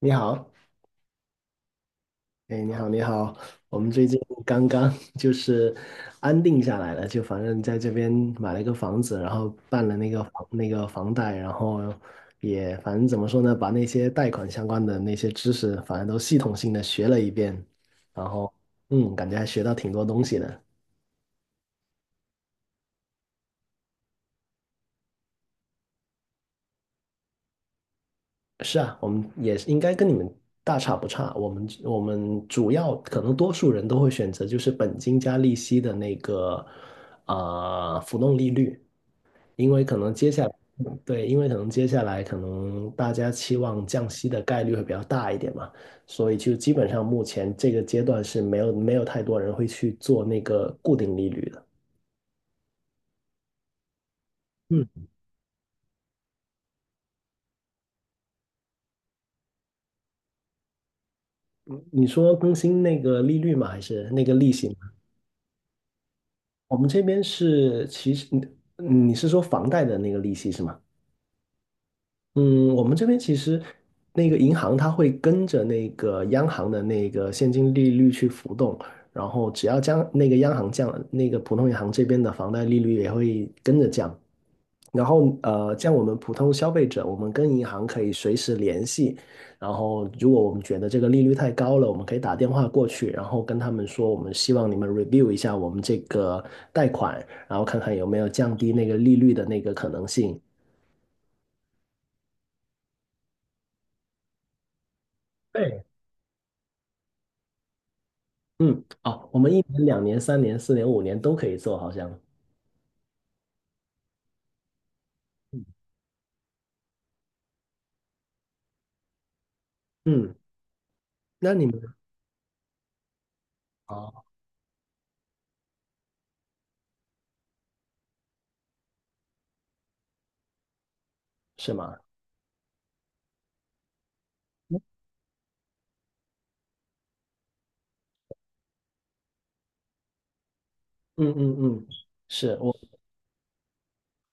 你好，哎，你好，你好，我们最近刚刚 就是安定下来了，就反正在这边买了一个房子，然后办了那个房贷，然后也反正怎么说呢，把那些贷款相关的那些知识，反正都系统性的学了一遍，然后嗯，感觉还学到挺多东西的。是啊，我们也是应该跟你们大差不差，我们主要可能多数人都会选择就是本金加利息的那个浮动利率。因为可能接下来，对，因为可能接下来可能大家期望降息的概率会比较大一点嘛，所以就基本上目前这个阶段是没有太多人会去做那个固定利率的。嗯，你说更新那个利率吗？还是那个利息吗？我们这边是其实你是说房贷的那个利息是吗？嗯，我们这边其实那个银行它会跟着那个央行的那个现金利率去浮动，然后只要将那个央行降了，那个普通银行这边的房贷利率也会跟着降。然后像我们普通消费者，我们跟银行可以随时联系。然后如果我们觉得这个利率太高了，我们可以打电话过去，然后跟他们说，我们希望你们 review 一下我们这个贷款，然后看看有没有降低那个利率的那个可能性。对，嗯，哦，我们一年、两年、三年、四年、五年都可以做，好像。嗯，那你们哦，是吗？嗯嗯嗯，是我。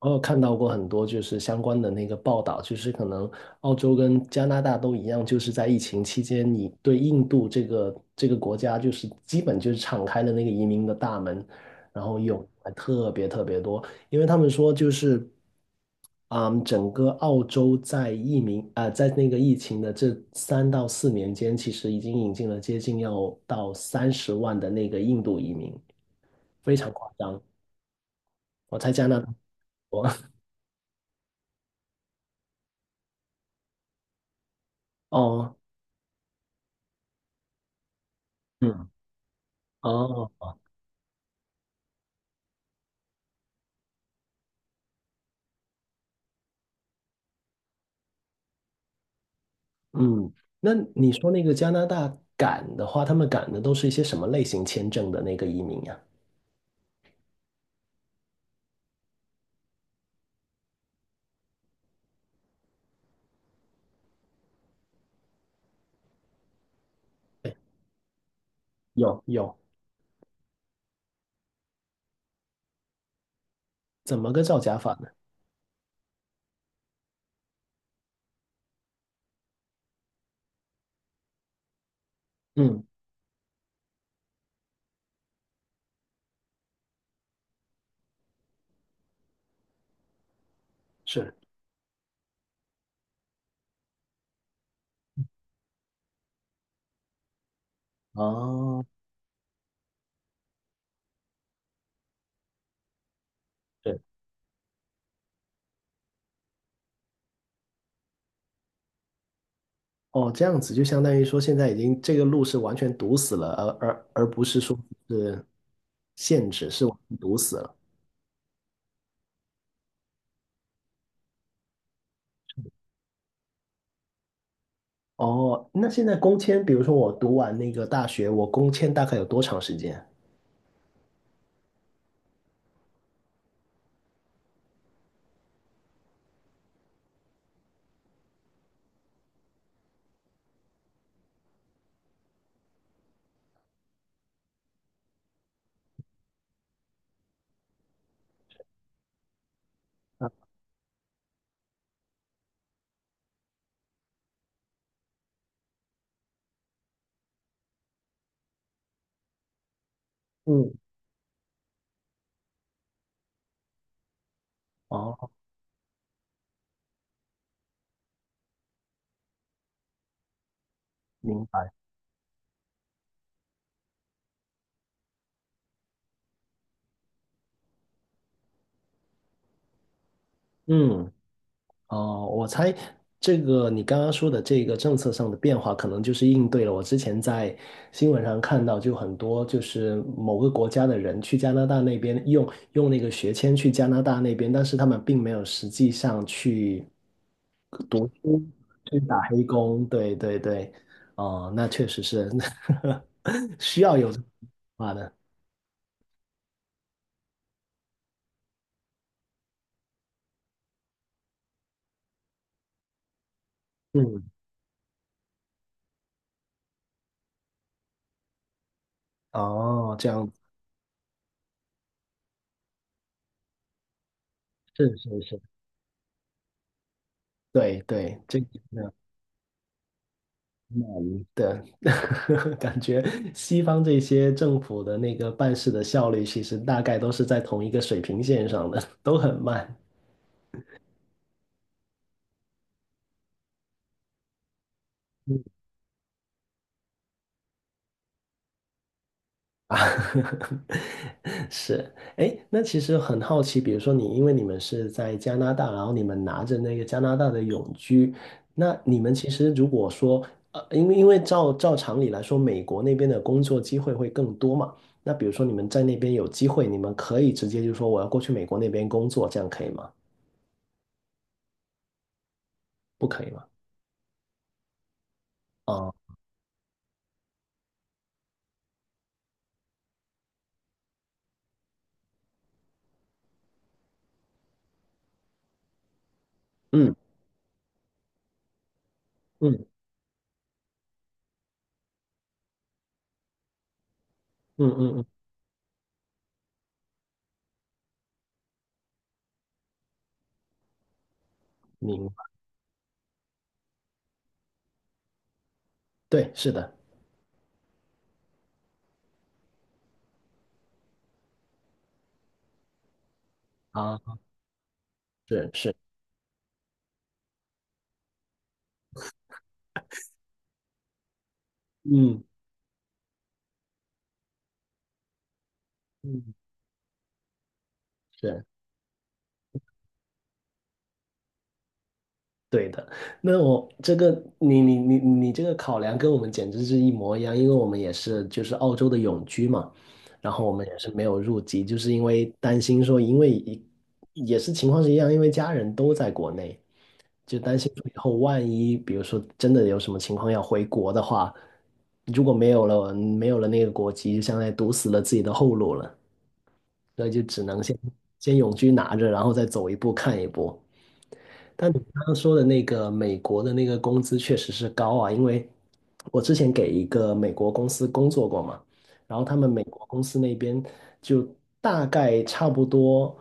我有看到过很多就是相关的那个报道，就是可能澳洲跟加拿大都一样，就是在疫情期间，你对印度这个国家就是基本就是敞开了那个移民的大门，然后有还特别特别多，因为他们说就是，嗯，整个澳洲在疫民啊、在那个疫情的这3到4年间，其实已经引进了接近要到30万的那个印度移民，非常夸张，我猜加拿大。哦，嗯，哦，嗯，那你说那个加拿大赶的话，他们赶的都是一些什么类型签证的那个移民呀？有有，怎么个造假法呢？嗯，是，哦，对，哦，这样子就相当于说现在已经这个路是完全堵死了，而不是说是限制，是完全堵死了。哦，那现在工签，比如说我读完那个大学，我工签大概有多长时间？嗯，哦，明白。嗯。哦，我猜这个你刚刚说的这个政策上的变化，可能就是应对了我之前在新闻上看到，就很多就是某个国家的人去加拿大那边用那个学签去加拿大那边，但是他们并没有实际上去读书，去打黑工。对对对，哦，那确实是 需要有这种变化的。嗯，哦，这样子是是是，对对，这个。难的，感觉西方这些政府的那个办事的效率，其实大概都是在同一个水平线上的，都很慢啊。是，哎，那其实很好奇，比如说你，因为你们是在加拿大，然后你们拿着那个加拿大的永居，那你们其实如果说，因为照常理来说，美国那边的工作机会会更多嘛，那比如说你们在那边有机会，你们可以直接就说我要过去美国那边工作，这样可以吗？不可以吗？哦，嗯嗯嗯嗯嗯，明白。对，是的。啊，是是，嗯嗯，是。对的，那我这个你这个考量跟我们简直是一模一样，因为我们也是就是澳洲的永居嘛，然后我们也是没有入籍，就是因为担心说，因为一也是情况是一样，因为家人都在国内，就担心说以后万一比如说真的有什么情况要回国的话，如果没有了那个国籍，就相当于堵死了自己的后路了，那就只能先永居拿着，然后再走一步看一步。但你刚刚说的那个美国的那个工资确实是高啊，因为我之前给一个美国公司工作过嘛，然后他们美国公司那边就大概差不多，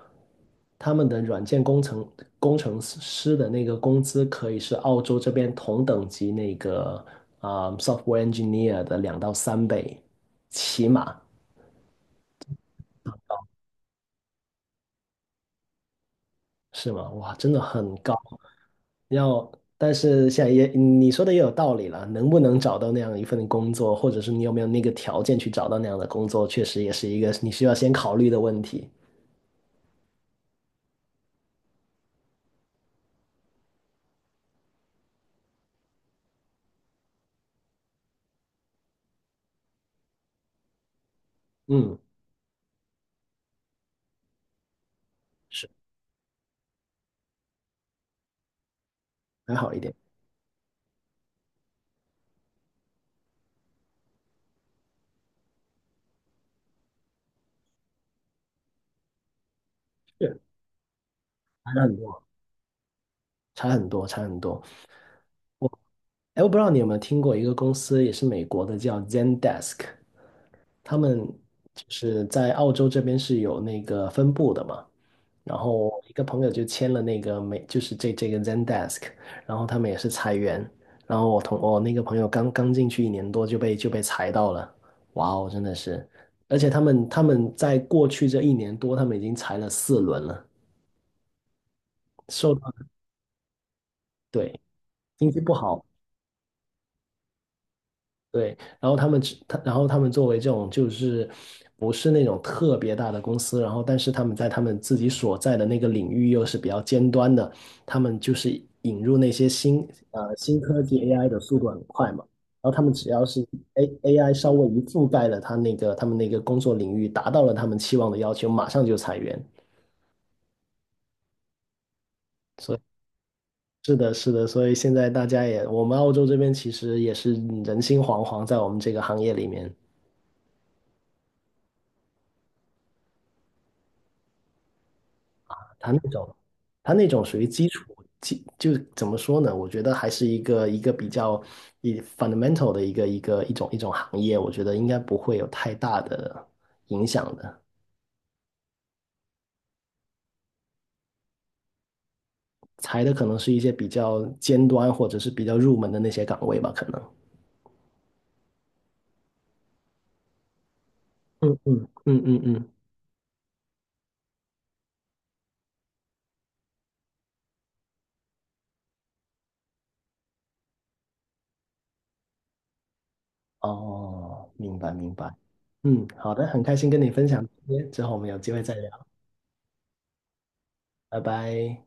他们的软件工程师的那个工资可以是澳洲这边同等级那个software engineer 的2到3倍，起码。是吗？哇，真的很高。要，但是现在也嗯你说的也有道理了，能不能找到那样一份工作，或者是你有没有那个条件去找到那样的工作，确实也是一个你需要先考虑的问题。嗯，是还好一点，是差很多，差很多，差很多。我哎，我不知道你有没有听过一个公司，也是美国的，叫 Zendesk，他们就是在澳洲这边是有那个分部的嘛。然后一个朋友就签了那个美，就是这个 Zendesk，然后他们也是裁员，然后我那个朋友刚刚进去一年多就被裁到了，哇哦，真的是，而且他们在过去这一年多，他们已经裁了4轮了，受到对经济不好。对，然后他们只，他，然后他们作为这种就是不是那种特别大的公司，然后但是他们在他们自己所在的那个领域又是比较尖端的，他们就是引入那些新科技 AI 的速度很快嘛，然后他们只要是 AI 稍微一覆盖了他那个他们那个工作领域，达到了他们期望的要求，马上就裁员。所以是的，是的，所以现在大家也，我们澳洲这边其实也是人心惶惶，在我们这个行业里面。它那种，它那种属于基础，就怎么说呢？我觉得还是一个比较fundamental 的一种行业，我觉得应该不会有太大的影响的。裁的可能是一些比较尖端或者是比较入门的那些岗位吧，可能。嗯嗯嗯嗯嗯。哦，明白明白。嗯，好的，很开心跟你分享这些，之后我们有机会再聊，拜拜。